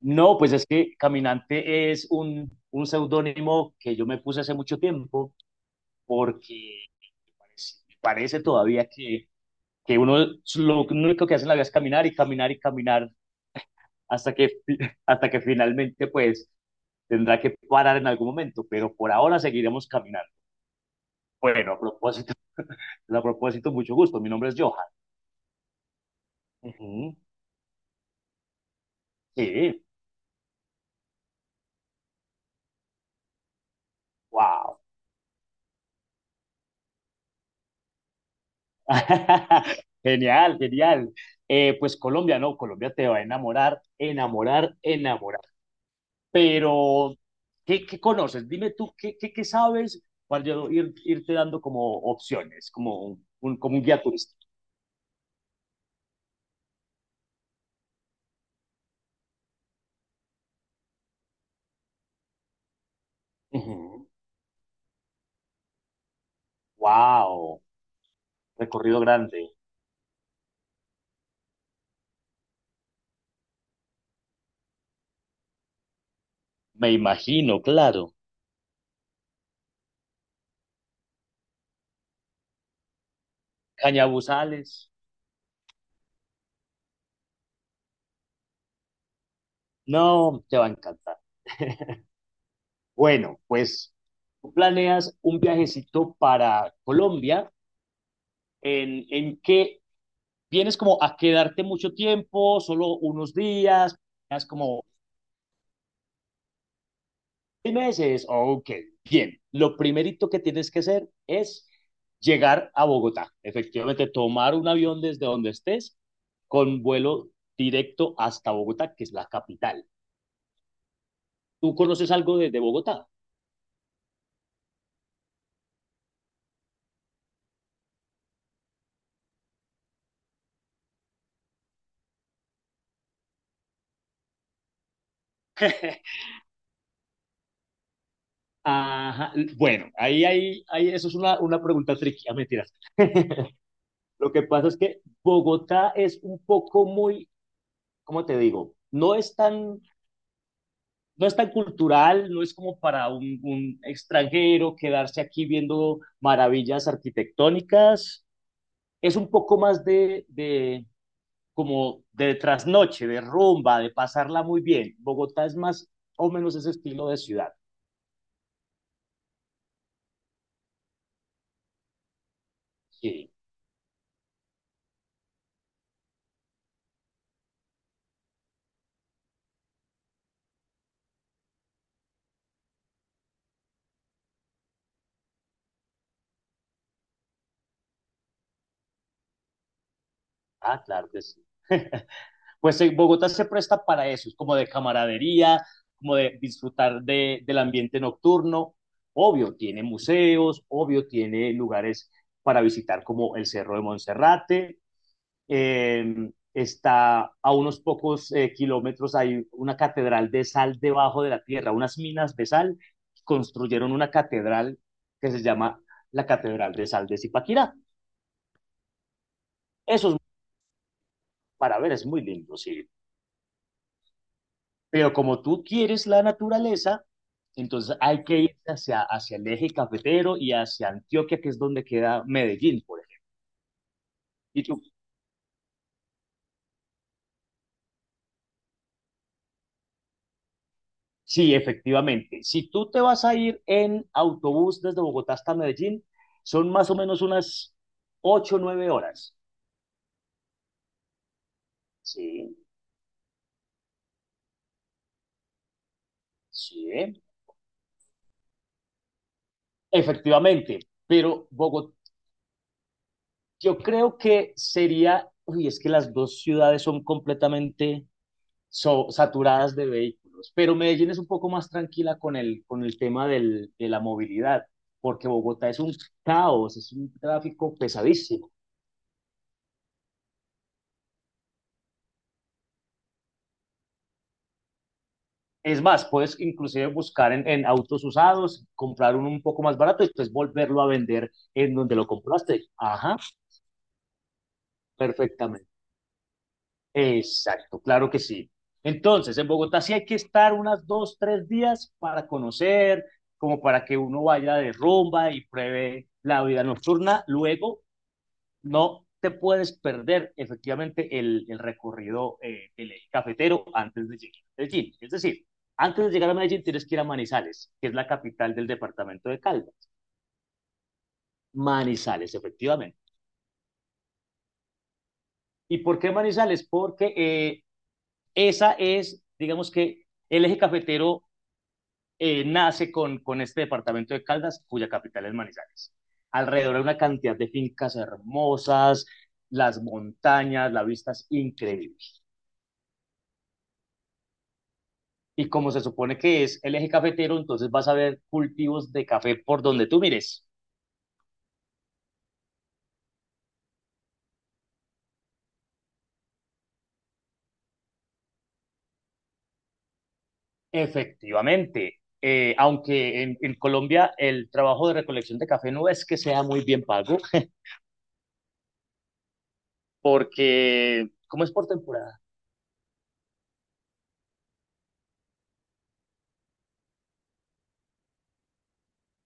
No, pues es que Caminante es un seudónimo que yo me puse hace mucho tiempo porque parece, parece todavía que uno lo único que hace en la vida es caminar y caminar y caminar hasta hasta que finalmente pues tendrá que parar en algún momento, pero por ahora seguiremos caminando. Bueno, a propósito, a propósito, mucho gusto. Mi nombre es Johan. Ujú. Sí, wow. Genial, genial. Pues Colombia, no, Colombia te va a enamorar, enamorar, enamorar. Pero, qué conoces? Dime tú, qué sabes para yo ir, irte dando como opciones, como como un guía turístico? Ujú. Wow, recorrido grande. Me imagino, claro. Cañabuzales, no, te va a encantar. Bueno, pues tú planeas un viajecito para Colombia. En qué vienes como a quedarte mucho tiempo, solo unos días, es como 6 meses? Ok, bien. Lo primerito que tienes que hacer es llegar a Bogotá, efectivamente tomar un avión desde donde estés con vuelo directo hasta Bogotá, que es la capital. ¿Tú conoces algo de Bogotá? Ajá, bueno, ahí, eso es una pregunta tricky, ah, mentiras. Lo que pasa es que Bogotá es un poco muy, ¿cómo te digo? No es tan cultural, no es como para un extranjero quedarse aquí viendo maravillas arquitectónicas. Es un poco más de como de trasnoche, de rumba, de pasarla muy bien. Bogotá es más o menos ese estilo de ciudad. Sí, ah, claro que sí. Pues Bogotá se presta para eso, es como de camaradería, como de disfrutar del ambiente nocturno. Obvio, tiene museos, obvio, tiene lugares para visitar como el Cerro de Monserrate, está a unos pocos kilómetros, hay una catedral de sal debajo de la tierra, unas minas de sal, construyeron una catedral que se llama la Catedral de Sal de Zipaquirá. Eso es para ver, es muy lindo, sí. Pero como tú quieres la naturaleza, entonces hay que ir hacia el eje cafetero y hacia Antioquia, que es donde queda Medellín, por ejemplo. Y tú sí, efectivamente. Si tú te vas a ir en autobús desde Bogotá hasta Medellín, son más o menos unas ocho o 9 horas. Sí, sí, ¿eh? Efectivamente. Pero Bogotá, yo creo que sería, uy, es que las dos ciudades son completamente saturadas de vehículos, pero Medellín es un poco más tranquila con el tema de la movilidad, porque Bogotá es un caos, es un tráfico pesadísimo. Es más, puedes inclusive buscar en autos usados, comprar uno un poco más barato y después volverlo a vender en donde lo compraste. Ajá, perfectamente. Exacto, claro que sí. Entonces, en Bogotá sí hay que estar unas 2, 3 días para conocer, como para que uno vaya de rumba y pruebe la vida nocturna. Luego no te puedes perder efectivamente el recorrido del eje cafetero antes de llegar a Medellín. Es decir, antes de llegar a Medellín tienes que ir a Manizales, que es la capital del departamento de Caldas. Manizales, efectivamente. ¿Y por qué Manizales? Porque esa es, digamos que el eje cafetero nace con este departamento de Caldas, cuya capital es Manizales. Alrededor hay una cantidad de fincas hermosas, las montañas, la vista es increíble. Y como se supone que es el eje cafetero, entonces vas a ver cultivos de café por donde tú mires. Efectivamente, aunque en Colombia el trabajo de recolección de café no es que sea muy bien pago, porque como es por temporada,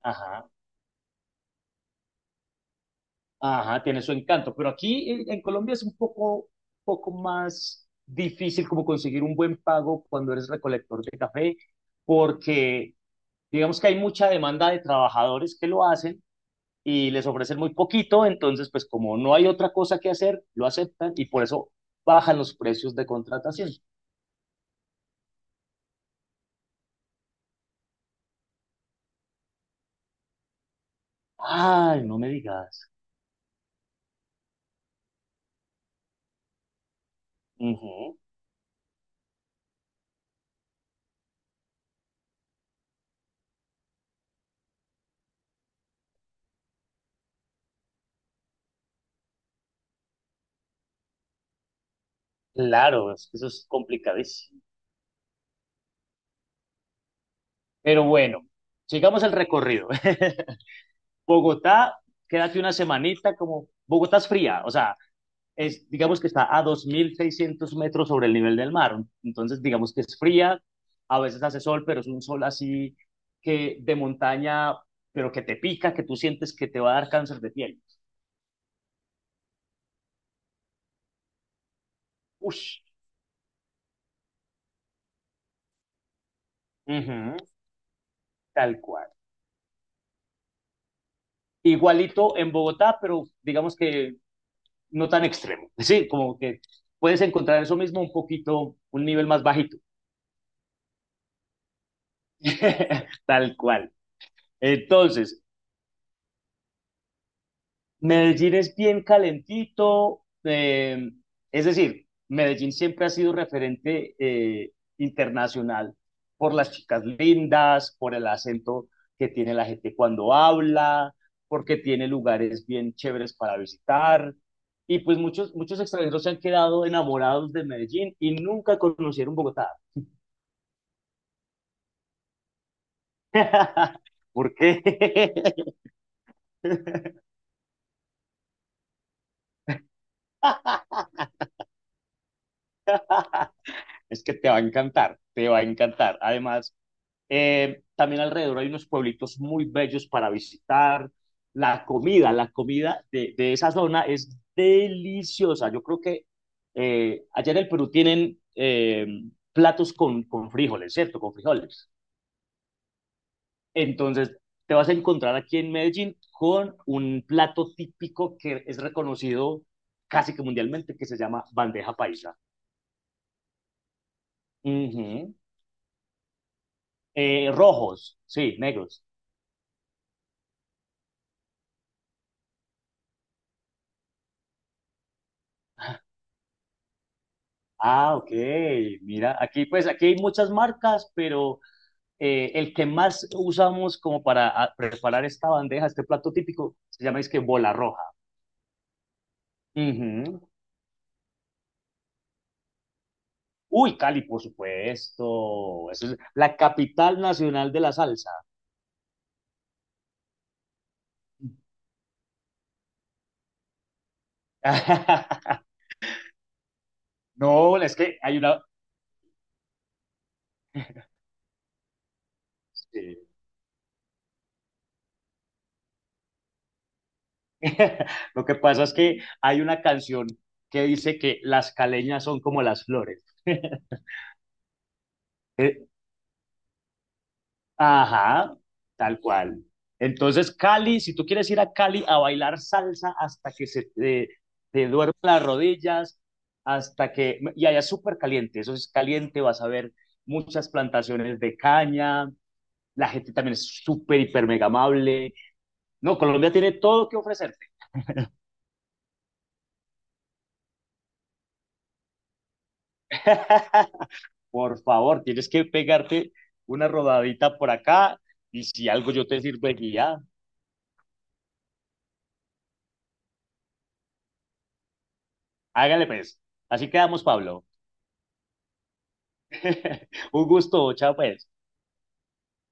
ajá, ajá, tiene su encanto, pero aquí en Colombia es un poco más difícil como conseguir un buen pago cuando eres recolector de café, porque digamos que hay mucha demanda de trabajadores que lo hacen y les ofrecen muy poquito, entonces pues como no hay otra cosa que hacer, lo aceptan y por eso bajan los precios de contratación. Ay, no me digas. Ujú. Claro, es que eso es complicadísimo. Pero bueno, sigamos el recorrido. Bogotá, quédate una semanita como... Bogotá es fría, o sea, es, digamos que está a 2600 metros sobre el nivel del mar. Entonces, digamos que es fría, a veces hace sol, pero es un sol así que de montaña, pero que te pica, que tú sientes que te va a dar cáncer de piel. Ush. Ujú. Tal cual. Igualito en Bogotá, pero digamos que no tan extremo. Sí, como que puedes encontrar eso mismo un poquito, un nivel más bajito. Tal cual. Entonces, Medellín es bien calentito, es decir, Medellín siempre ha sido referente eh, internacional por las chicas lindas, por el acento que tiene la gente cuando habla, porque tiene lugares bien chéveres para visitar. Y pues muchos extranjeros se han quedado enamorados de Medellín y nunca conocieron Bogotá. ¿Por qué? Es que te va a encantar, te va a encantar. Además, también alrededor hay unos pueblitos muy bellos para visitar. La comida de esa zona es deliciosa. Yo creo que allá en el Perú tienen platos con frijoles, ¿cierto? Con frijoles. Entonces, te vas a encontrar aquí en Medellín con un plato típico que es reconocido casi que mundialmente, que se llama bandeja paisa. Ujú. Rojos, sí, negros. Ah, ok. Mira, aquí pues aquí hay muchas marcas, pero el que más usamos como para preparar esta bandeja, este plato típico, se llama es que bola roja. Ujú. Uy, Cali, por supuesto. Eso es la capital nacional de la salsa. No, es que hay una. Sí. Lo que pasa es que hay una canción que dice que las caleñas son como las flores. E- Ajá, tal cual. Entonces, Cali, si tú quieres ir a Cali a bailar salsa hasta que se te, te duermen las rodillas, hasta que... Y allá es súper caliente, eso es caliente, vas a ver muchas plantaciones de caña, la gente también es súper, hiper, mega amable. No, Colombia tiene todo que ofrecerte. Por favor, tienes que pegarte una rodadita por acá y si algo yo te sirvo de guía, hágale pues. Así quedamos, Pablo. Un gusto, chao pues.